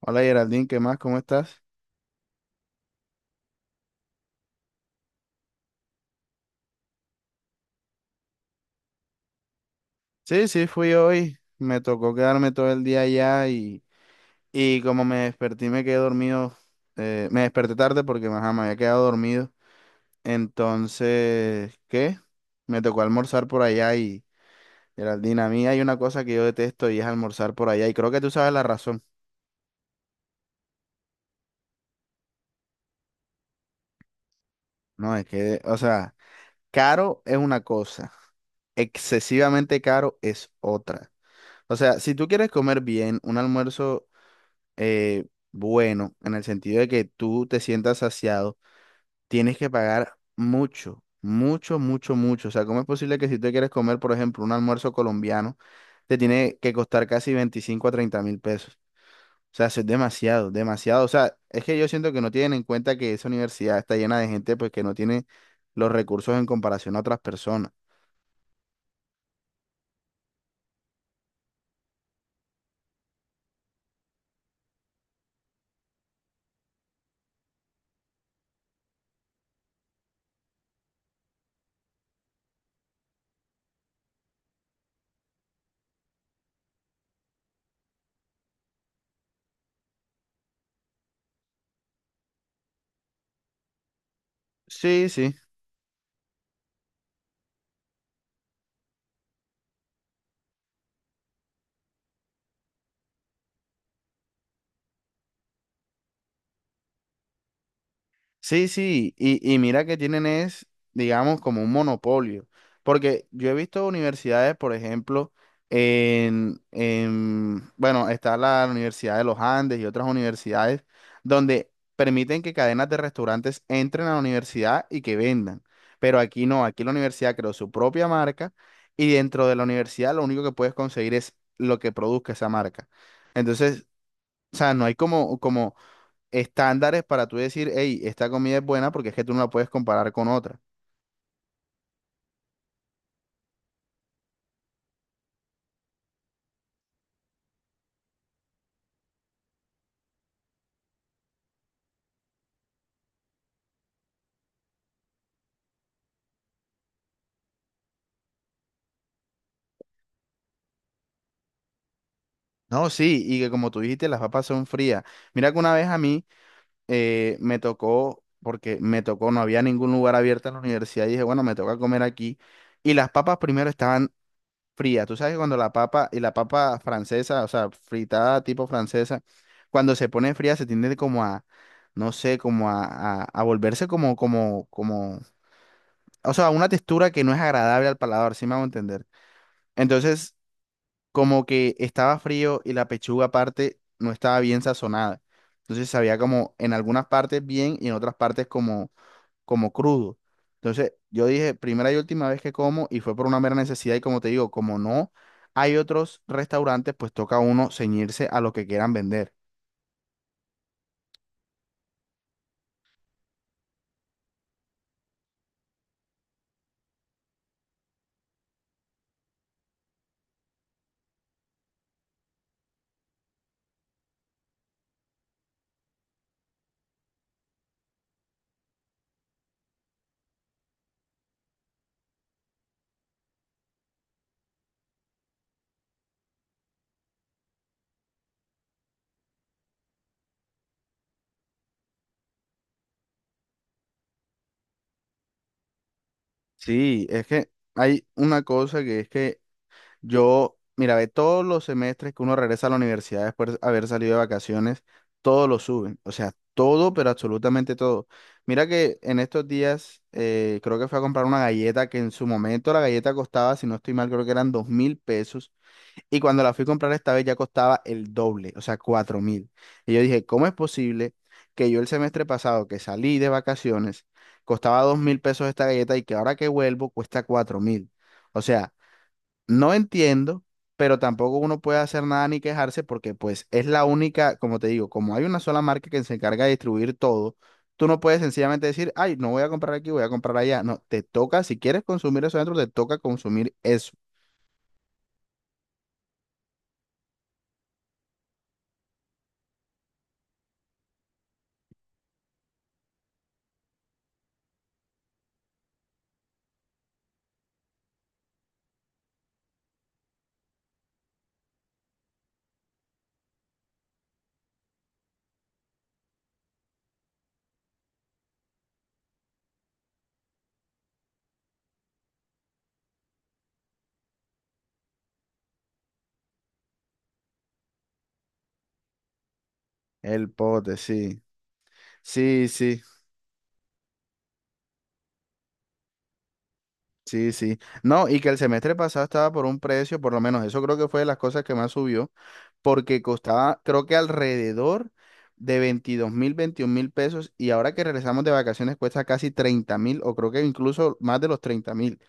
Hola, Geraldine, ¿qué más? ¿Cómo estás? Sí, sí, fui hoy. Me tocó quedarme todo el día allá y como me desperté y me quedé dormido, me desperté tarde porque ajá, me había quedado dormido. Entonces, ¿qué? Me tocó almorzar por allá y, Geraldine, a mí hay una cosa que yo detesto y es almorzar por allá y creo que tú sabes la razón. No, es que, o sea, caro es una cosa, excesivamente caro es otra. O sea, si tú quieres comer bien, un almuerzo, eh, bueno, en el sentido de que tú te sientas saciado, tienes que pagar mucho, mucho, mucho, mucho. O sea, ¿cómo es posible que si tú quieres comer, por ejemplo, un almuerzo colombiano, te tiene que costar casi 25 a 30 mil pesos? O sea, eso es demasiado, demasiado. O sea, es que yo siento que no tienen en cuenta que esa universidad está llena de gente pues que no tiene los recursos en comparación a otras personas. Sí, sí. Sí, sí, y mira que tienen es, digamos, como un monopolio, porque yo he visto universidades, por ejemplo, en, bueno, está la Universidad de los Andes y otras universidades donde permiten que cadenas de restaurantes entren a la universidad y que vendan, pero aquí no, aquí la universidad creó su propia marca y dentro de la universidad lo único que puedes conseguir es lo que produzca esa marca. Entonces, o sea, no hay como, estándares para tú decir, hey, esta comida es buena porque es que tú no la puedes comparar con otra. No, sí, y que como tú dijiste, las papas son frías. Mira que una vez a mí, me tocó, porque me tocó, no había ningún lugar abierto en la universidad y dije, bueno, me toca comer aquí. Y las papas primero estaban frías. Tú sabes que cuando la papa, y la papa francesa, o sea, fritada tipo francesa, cuando se pone fría se tiende como a, no sé, como a volverse como, o sea, una textura que no es agradable al paladar, ¿sí me hago entender? Entonces, como que estaba frío y la pechuga aparte no estaba bien sazonada. Entonces sabía como en algunas partes bien y en otras partes como crudo. Entonces yo dije, primera y última vez que como y fue por una mera necesidad y como te digo, como no hay otros restaurantes, pues toca a uno ceñirse a lo que quieran vender. Sí, es que hay una cosa que es que yo, mira, ve, todos los semestres que uno regresa a la universidad después de haber salido de vacaciones, todo lo suben. O sea, todo, pero absolutamente todo. Mira que en estos días, creo que fui a comprar una galleta que en su momento la galleta costaba, si no estoy mal, creo que eran 2.000 pesos. Y cuando la fui a comprar esta vez ya costaba el doble, o sea, 4.000. Y yo dije, ¿cómo es posible que yo el semestre pasado que salí de vacaciones costaba 2.000 pesos esta galleta y que ahora que vuelvo cuesta 4.000? O sea, no entiendo, pero tampoco uno puede hacer nada ni quejarse porque pues es la única, como te digo, como hay una sola marca que se encarga de distribuir todo, tú no puedes sencillamente decir, ay, no voy a comprar aquí, voy a comprar allá. No, te toca, si quieres consumir eso adentro, te toca consumir eso. El pote, sí. Sí, sí, sí, sí. No, y que el semestre pasado estaba por un precio, por lo menos eso creo que fue de las cosas que más subió, porque costaba, creo que alrededor de 22.000, 21.000 pesos, y ahora que regresamos de vacaciones cuesta casi 30.000, o creo que incluso más de los 30.000.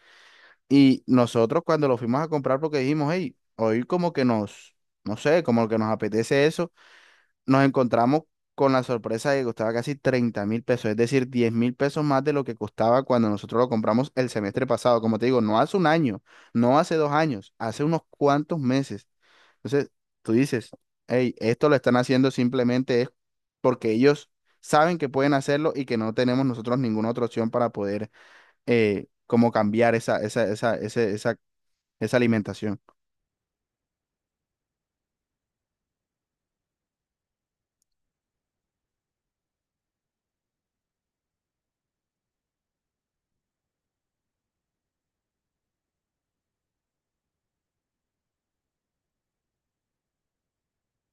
Y nosotros cuando lo fuimos a comprar, porque dijimos, hey, hoy como que nos, no sé, como que nos apetece eso, nos encontramos con la sorpresa de que costaba casi 30.000 pesos, es decir, 10.000 pesos más de lo que costaba cuando nosotros lo compramos el semestre pasado. Como te digo, no hace un año, no hace 2 años, hace unos cuantos meses. Entonces, tú dices, hey, esto lo están haciendo simplemente es porque ellos saben que pueden hacerlo y que no tenemos nosotros ninguna otra opción para poder, como cambiar esa alimentación.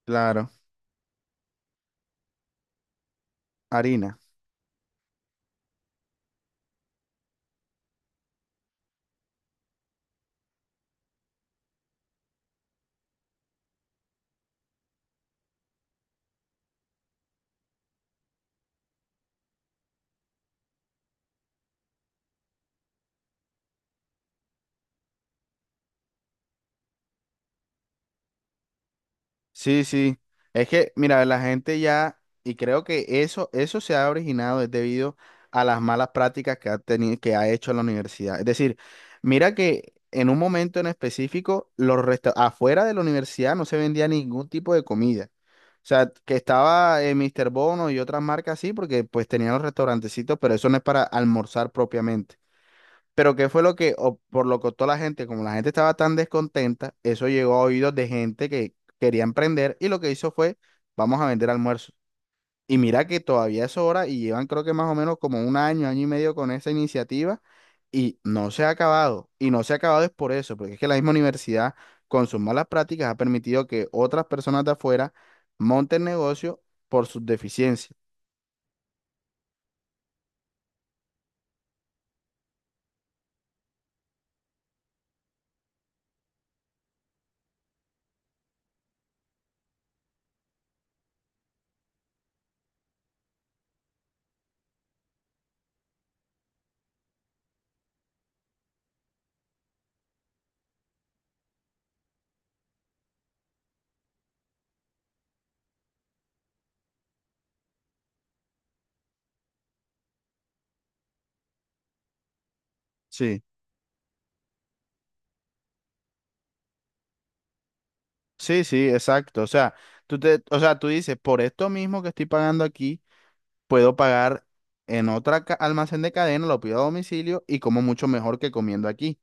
Claro, harina. Sí, sí. Es que, mira, la gente ya, y creo que eso se ha originado es debido a las malas prácticas que ha tenido, que ha hecho la universidad. Es decir, mira que en un momento en específico, afuera de la universidad no se vendía ningún tipo de comida. O sea, que estaba, Mr. Bono y otras marcas así, porque pues tenían los restaurantecitos, pero eso no es para almorzar propiamente. Pero qué fue lo que, o por lo que optó la gente, como la gente estaba tan descontenta, eso llegó a oídos de gente que quería emprender y lo que hizo fue, vamos a vender almuerzos. Y mira que todavía es hora y llevan creo que más o menos como un año, año y medio con esa iniciativa y no se ha acabado. Y no se ha acabado es por eso, porque es que la misma universidad con sus malas prácticas ha permitido que otras personas de afuera monten negocio por sus deficiencias. Sí, sí, sí, exacto. O sea, o sea, tú dices, por esto mismo que estoy pagando aquí puedo pagar en almacén de cadena, lo pido a domicilio y como mucho mejor que comiendo aquí.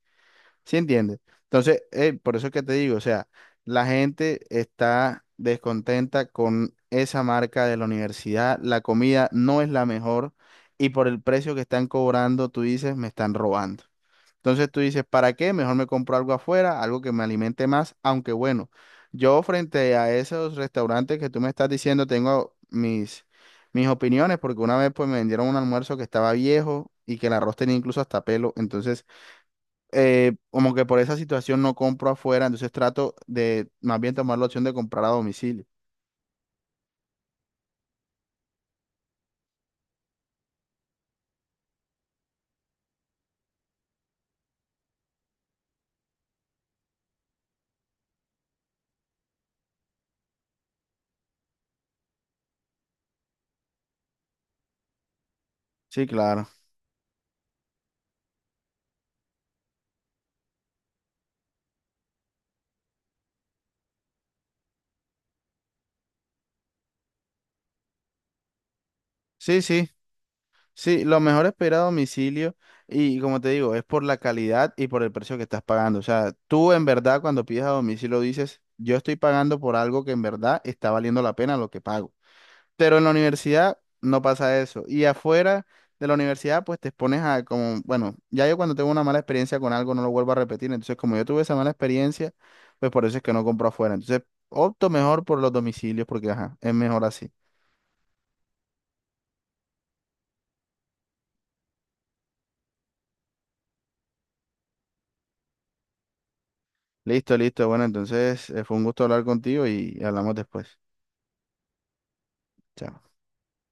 ¿Sí entiendes? Entonces, por eso es que te digo, o sea, la gente está descontenta con esa marca de la universidad, la comida no es la mejor y por el precio que están cobrando, tú dices, me están robando. Entonces tú dices, ¿para qué? Mejor me compro algo afuera, algo que me alimente más, aunque bueno, yo frente a esos restaurantes que tú me estás diciendo, tengo mis opiniones, porque una vez pues me vendieron un almuerzo que estaba viejo y que el arroz tenía incluso hasta pelo, entonces, como que por esa situación no compro afuera, entonces trato de más bien tomar la opción de comprar a domicilio. Sí, claro. Sí, sí. Sí, lo mejor es pedir a domicilio y como te digo, es por la calidad y por el precio que estás pagando. O sea, tú en verdad cuando pides a domicilio dices, yo estoy pagando por algo que en verdad está valiendo la pena lo que pago. Pero en la universidad no pasa eso. Y afuera de la universidad pues te expones a como, bueno, ya yo cuando tengo una mala experiencia con algo no lo vuelvo a repetir. Entonces como yo tuve esa mala experiencia, pues por eso es que no compro afuera. Entonces opto mejor por los domicilios porque, ajá, es mejor así. Listo, listo. Bueno, entonces, fue un gusto hablar contigo y hablamos después. Chao.